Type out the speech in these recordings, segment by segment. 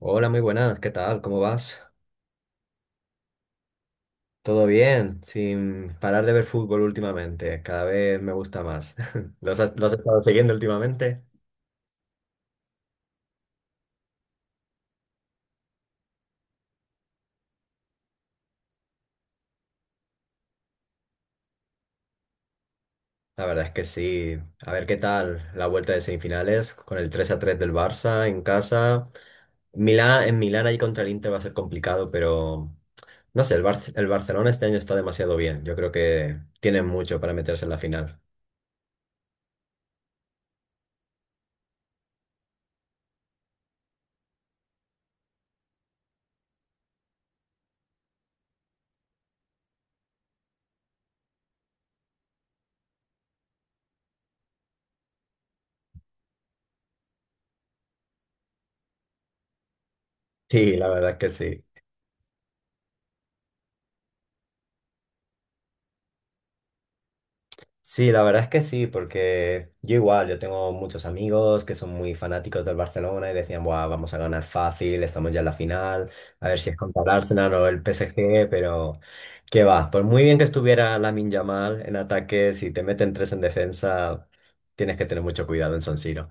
Hola, muy buenas, ¿qué tal? ¿Cómo vas? ¿Todo bien? Sin parar de ver fútbol últimamente, cada vez me gusta más. ¿Lo has estado siguiendo últimamente? La verdad es que sí. A ver qué tal la vuelta de semifinales con el 3-3 del Barça en casa. Milán, en Milán ahí contra el Inter va a ser complicado, pero no sé, el Barcelona este año está demasiado bien. Yo creo que tienen mucho para meterse en la final. Sí, la verdad es que sí. Sí, la verdad es que sí, porque yo igual, yo tengo muchos amigos que son muy fanáticos del Barcelona y decían: "Buah, vamos a ganar fácil, estamos ya en la final, a ver si es contra el Arsenal o el PSG". Pero qué va, por muy bien que estuviera Lamine Yamal en ataque, si te meten tres en defensa, tienes que tener mucho cuidado en San Siro.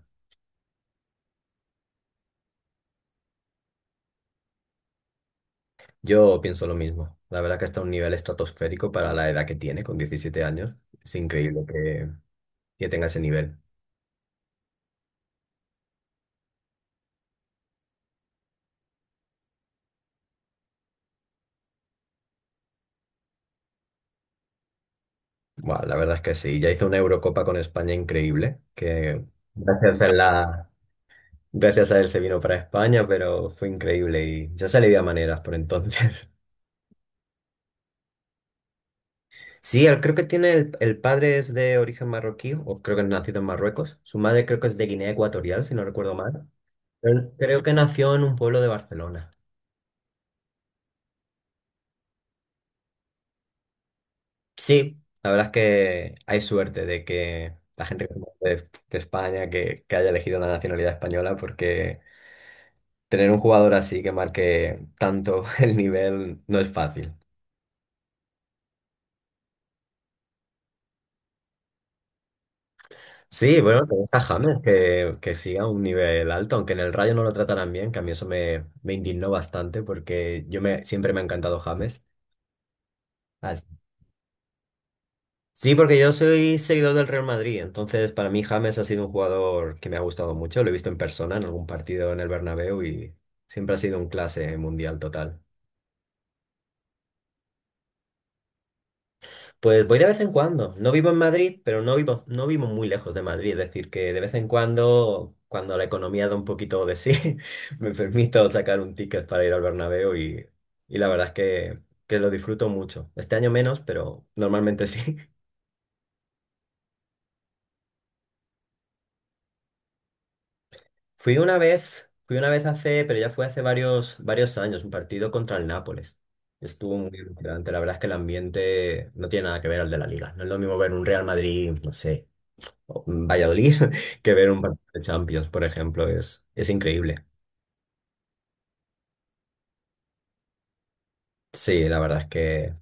Yo pienso lo mismo, la verdad que está a un nivel estratosférico para la edad que tiene, con 17 años, es increíble que tenga ese nivel. Buah, la verdad es que sí. Ya hizo una Eurocopa con España increíble, que gracias a la... gracias a él se vino para España, pero fue increíble y ya se le veía maneras por entonces. Sí, él creo que tiene el padre es de origen marroquí, o creo que es nacido en Marruecos. Su madre creo que es de Guinea Ecuatorial, si no recuerdo mal. Él creo que nació en un pueblo de Barcelona. Sí, la verdad es que hay suerte de que la gente que conoce de España, que haya elegido la nacionalidad española, porque... tener un jugador así que marque tanto el nivel no es fácil. Sí, bueno, tenés a James, que siga un nivel alto, aunque en el Rayo no lo tratarán bien, que a mí eso me indignó bastante, porque siempre me ha encantado James. Así... Sí, porque yo soy seguidor del Real Madrid, entonces para mí James ha sido un jugador que me ha gustado mucho. Lo he visto en persona en algún partido en el Bernabéu y siempre ha sido un clase mundial total. Pues voy de vez en cuando. No vivo en Madrid, pero no vivo muy lejos de Madrid. Es decir, que de vez en cuando, cuando la economía da un poquito de sí, me permito sacar un ticket para ir al Bernabéu, y la verdad es que lo disfruto mucho. Este año menos, pero normalmente sí. Fui una vez, pero ya fue hace varios, varios años, un partido contra el Nápoles. Estuvo muy emocionante. La verdad es que el ambiente no tiene nada que ver al de la Liga. No es lo mismo ver un Real Madrid, no sé, o Valladolid, que ver un partido de Champions. Por ejemplo, es increíble. Sí, la verdad es que,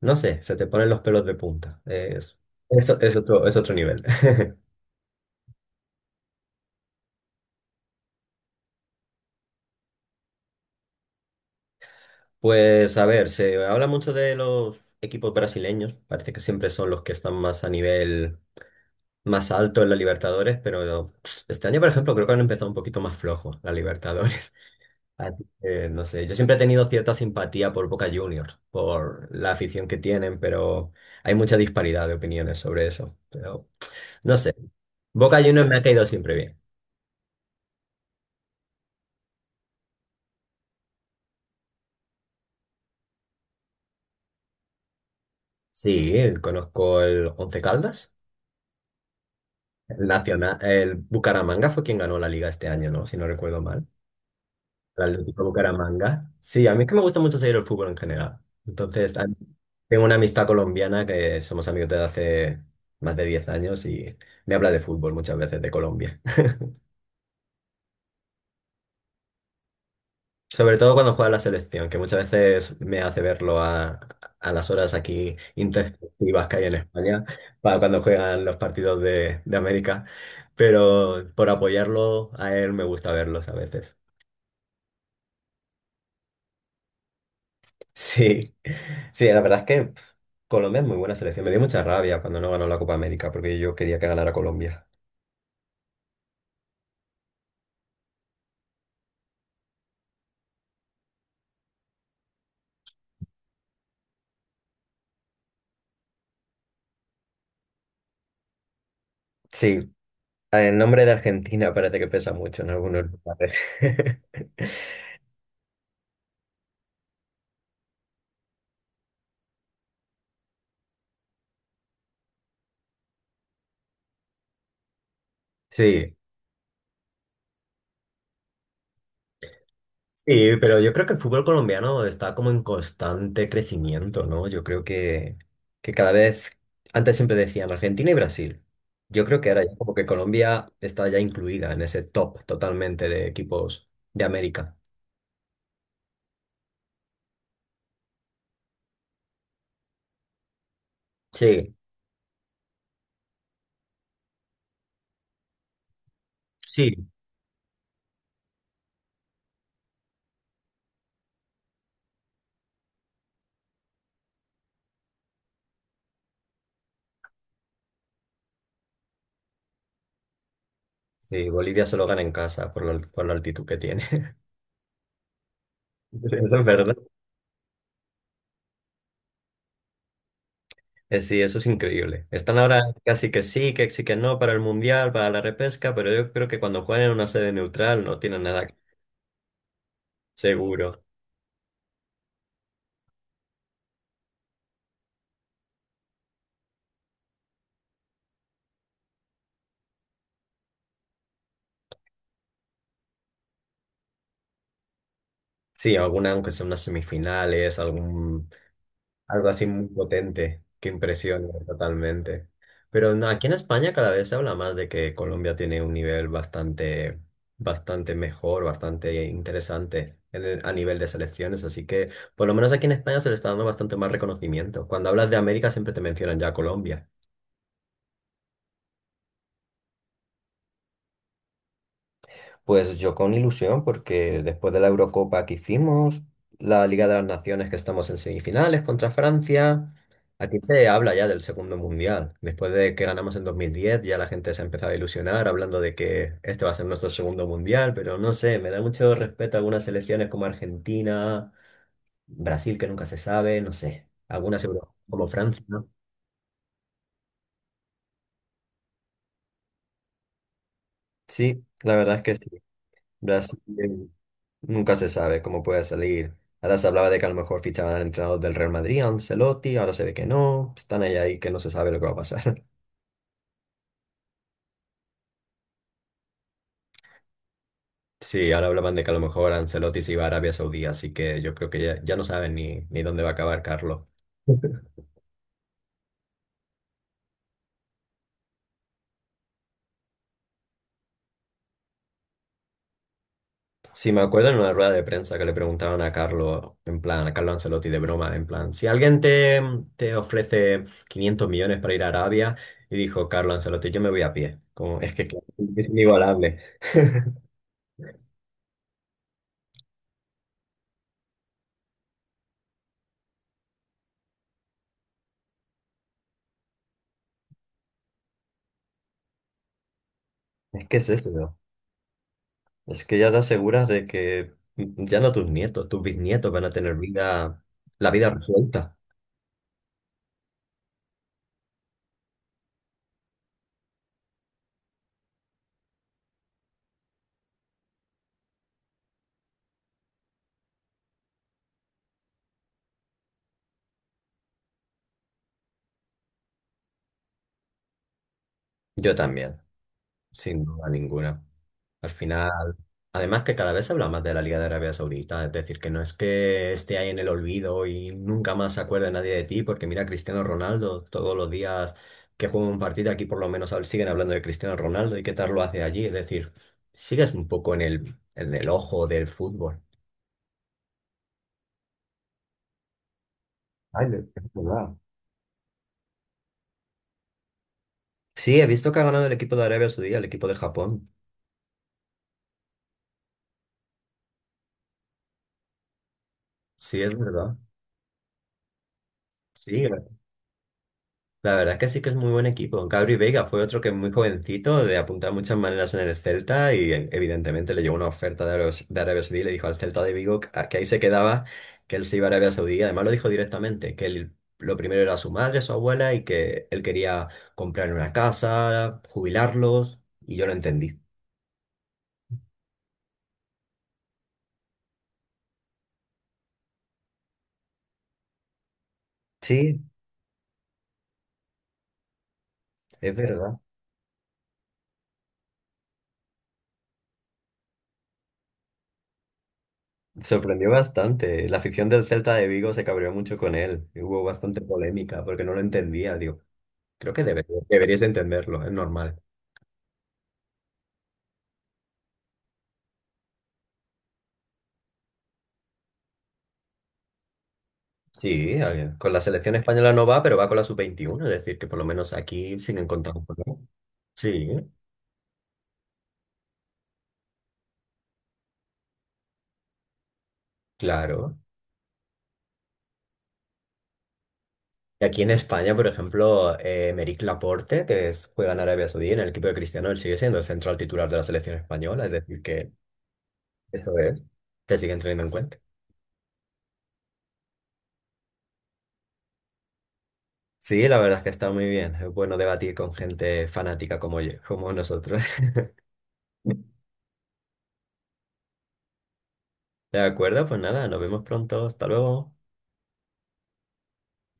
no sé, se te ponen los pelos de punta. Es otro nivel. Pues a ver, se habla mucho de los equipos brasileños, parece que siempre son los que están más a nivel más alto en la Libertadores, pero este año, por ejemplo, creo que han empezado un poquito más flojos la Libertadores. Así que, no sé, yo siempre he tenido cierta simpatía por Boca Juniors, por la afición que tienen, pero hay mucha disparidad de opiniones sobre eso. Pero no sé, Boca Juniors me ha caído siempre bien. Sí, conozco el Once Caldas, el Nacional, el Bucaramanga fue quien ganó la liga este año, ¿no? Si no recuerdo mal. El Atlético Bucaramanga. Sí, a mí es que me gusta mucho seguir el fútbol en general. Entonces, tengo una amistad colombiana. Que somos amigos desde hace más de 10 años y me habla de fútbol muchas veces de Colombia. Sobre todo cuando juega la selección, que muchas veces me hace verlo a las horas aquí intempestivas que hay en España, para cuando juegan los partidos de América. Pero por apoyarlo a él me gusta verlos a veces. Sí, sí, la verdad es que Colombia es muy buena selección. Me dio mucha rabia cuando no ganó la Copa América, porque yo quería que ganara Colombia. Sí, el nombre de Argentina parece que pesa mucho en algunos lugares. Sí, sí, pero yo creo que el fútbol colombiano está como en constante crecimiento, ¿no? Yo creo que, que cada vez, antes siempre decían Argentina y Brasil. Yo creo que ahora ya como que Colombia está ya incluida en ese top totalmente de equipos de América. Sí. Sí, sí, Bolivia solo gana en casa por por la altitud que tiene. Eso es verdad. Sí, eso es increíble. Están ahora casi que sí, que sí, que no para el Mundial, para la repesca, pero yo creo que cuando juegan en una sede neutral no tienen nada seguro. Sí, alguna, aunque sea unas semifinales, algo así muy potente, que impresiona totalmente. Pero no, aquí en España cada vez se habla más de que Colombia tiene un nivel bastante, bastante mejor, bastante interesante en a nivel de selecciones. Así que por lo menos aquí en España se le está dando bastante más reconocimiento. Cuando hablas de América siempre te mencionan ya a Colombia. Pues yo con ilusión, porque después de la Eurocopa que hicimos, la Liga de las Naciones que estamos en semifinales contra Francia, aquí se habla ya del segundo mundial. Después de que ganamos en 2010, ya la gente se ha empezado a ilusionar hablando de que este va a ser nuestro segundo mundial, pero no sé, me da mucho respeto algunas selecciones como Argentina, Brasil, que nunca se sabe, no sé, algunas Euro como Francia, ¿no? Sí, la verdad es que sí. Brasil. Nunca se sabe cómo puede salir. Ahora se hablaba de que a lo mejor fichaban al entrenador del Real Madrid, a Ancelotti, ahora se ve que no. Están ahí, ahí que no se sabe lo que va a pasar. Sí, ahora hablaban de que a lo mejor Ancelotti se iba a Arabia Saudí, así que yo creo que ya, ya no saben ni dónde va a acabar Carlo. Sí, me acuerdo en una rueda de prensa que le preguntaban a Carlo, en plan, a Carlo Ancelotti de broma, en plan, si alguien te ofrece 500 millones para ir a Arabia, y dijo Carlo Ancelotti: "Yo me voy a pie". Como, es que claro, es inigualable. Es que es eso. Es que ya te aseguras de que ya no tus nietos, tus bisnietos van a tener vida, la vida resuelta. Yo también, sin duda ninguna. Al final, además, que cada vez se habla más de la Liga de Arabia Saudita, es decir, que no es que esté ahí en el olvido y nunca más se acuerde nadie de ti, porque mira Cristiano Ronaldo, todos los días que juega un partido aquí por lo menos siguen hablando de Cristiano Ronaldo y qué tal lo hace allí, es decir, sigues un poco en el ojo del fútbol. Ay, es verdad. Sí, he visto que ha ganado el equipo de Arabia Saudí, el equipo de Japón. Sí, es verdad. Sí, la verdad es que sí que es muy buen equipo. Gabri Veiga fue otro que, muy jovencito, de apuntar muchas maneras en el Celta, y evidentemente le llegó una oferta de Arabia Saudí, y le dijo al Celta de Vigo que ahí se quedaba, que él se iba a Arabia Saudí. Además lo dijo directamente, lo primero era su madre, su abuela, y que él quería comprar una casa, jubilarlos, y yo lo entendí. Sí, es verdad. Sorprendió bastante. La afición del Celta de Vigo se cabreó mucho con él, y hubo bastante polémica porque no lo entendía. Digo, creo que deberías entenderlo, es normal. Sí, a ver, con la selección española no va, pero va con la sub-21, es decir, que por lo menos aquí siguen contando con él. Sí, claro. Y aquí en España, por ejemplo, Emeric Laporte, que juega en Arabia Saudí, en el equipo de Cristiano, él sigue siendo el central titular de la selección española, es decir, que eso es, te siguen teniendo en cuenta. Sí, la verdad es que está muy bien. Es bueno debatir con gente fanática como yo, como nosotros. De acuerdo, pues nada, nos vemos pronto. Hasta luego.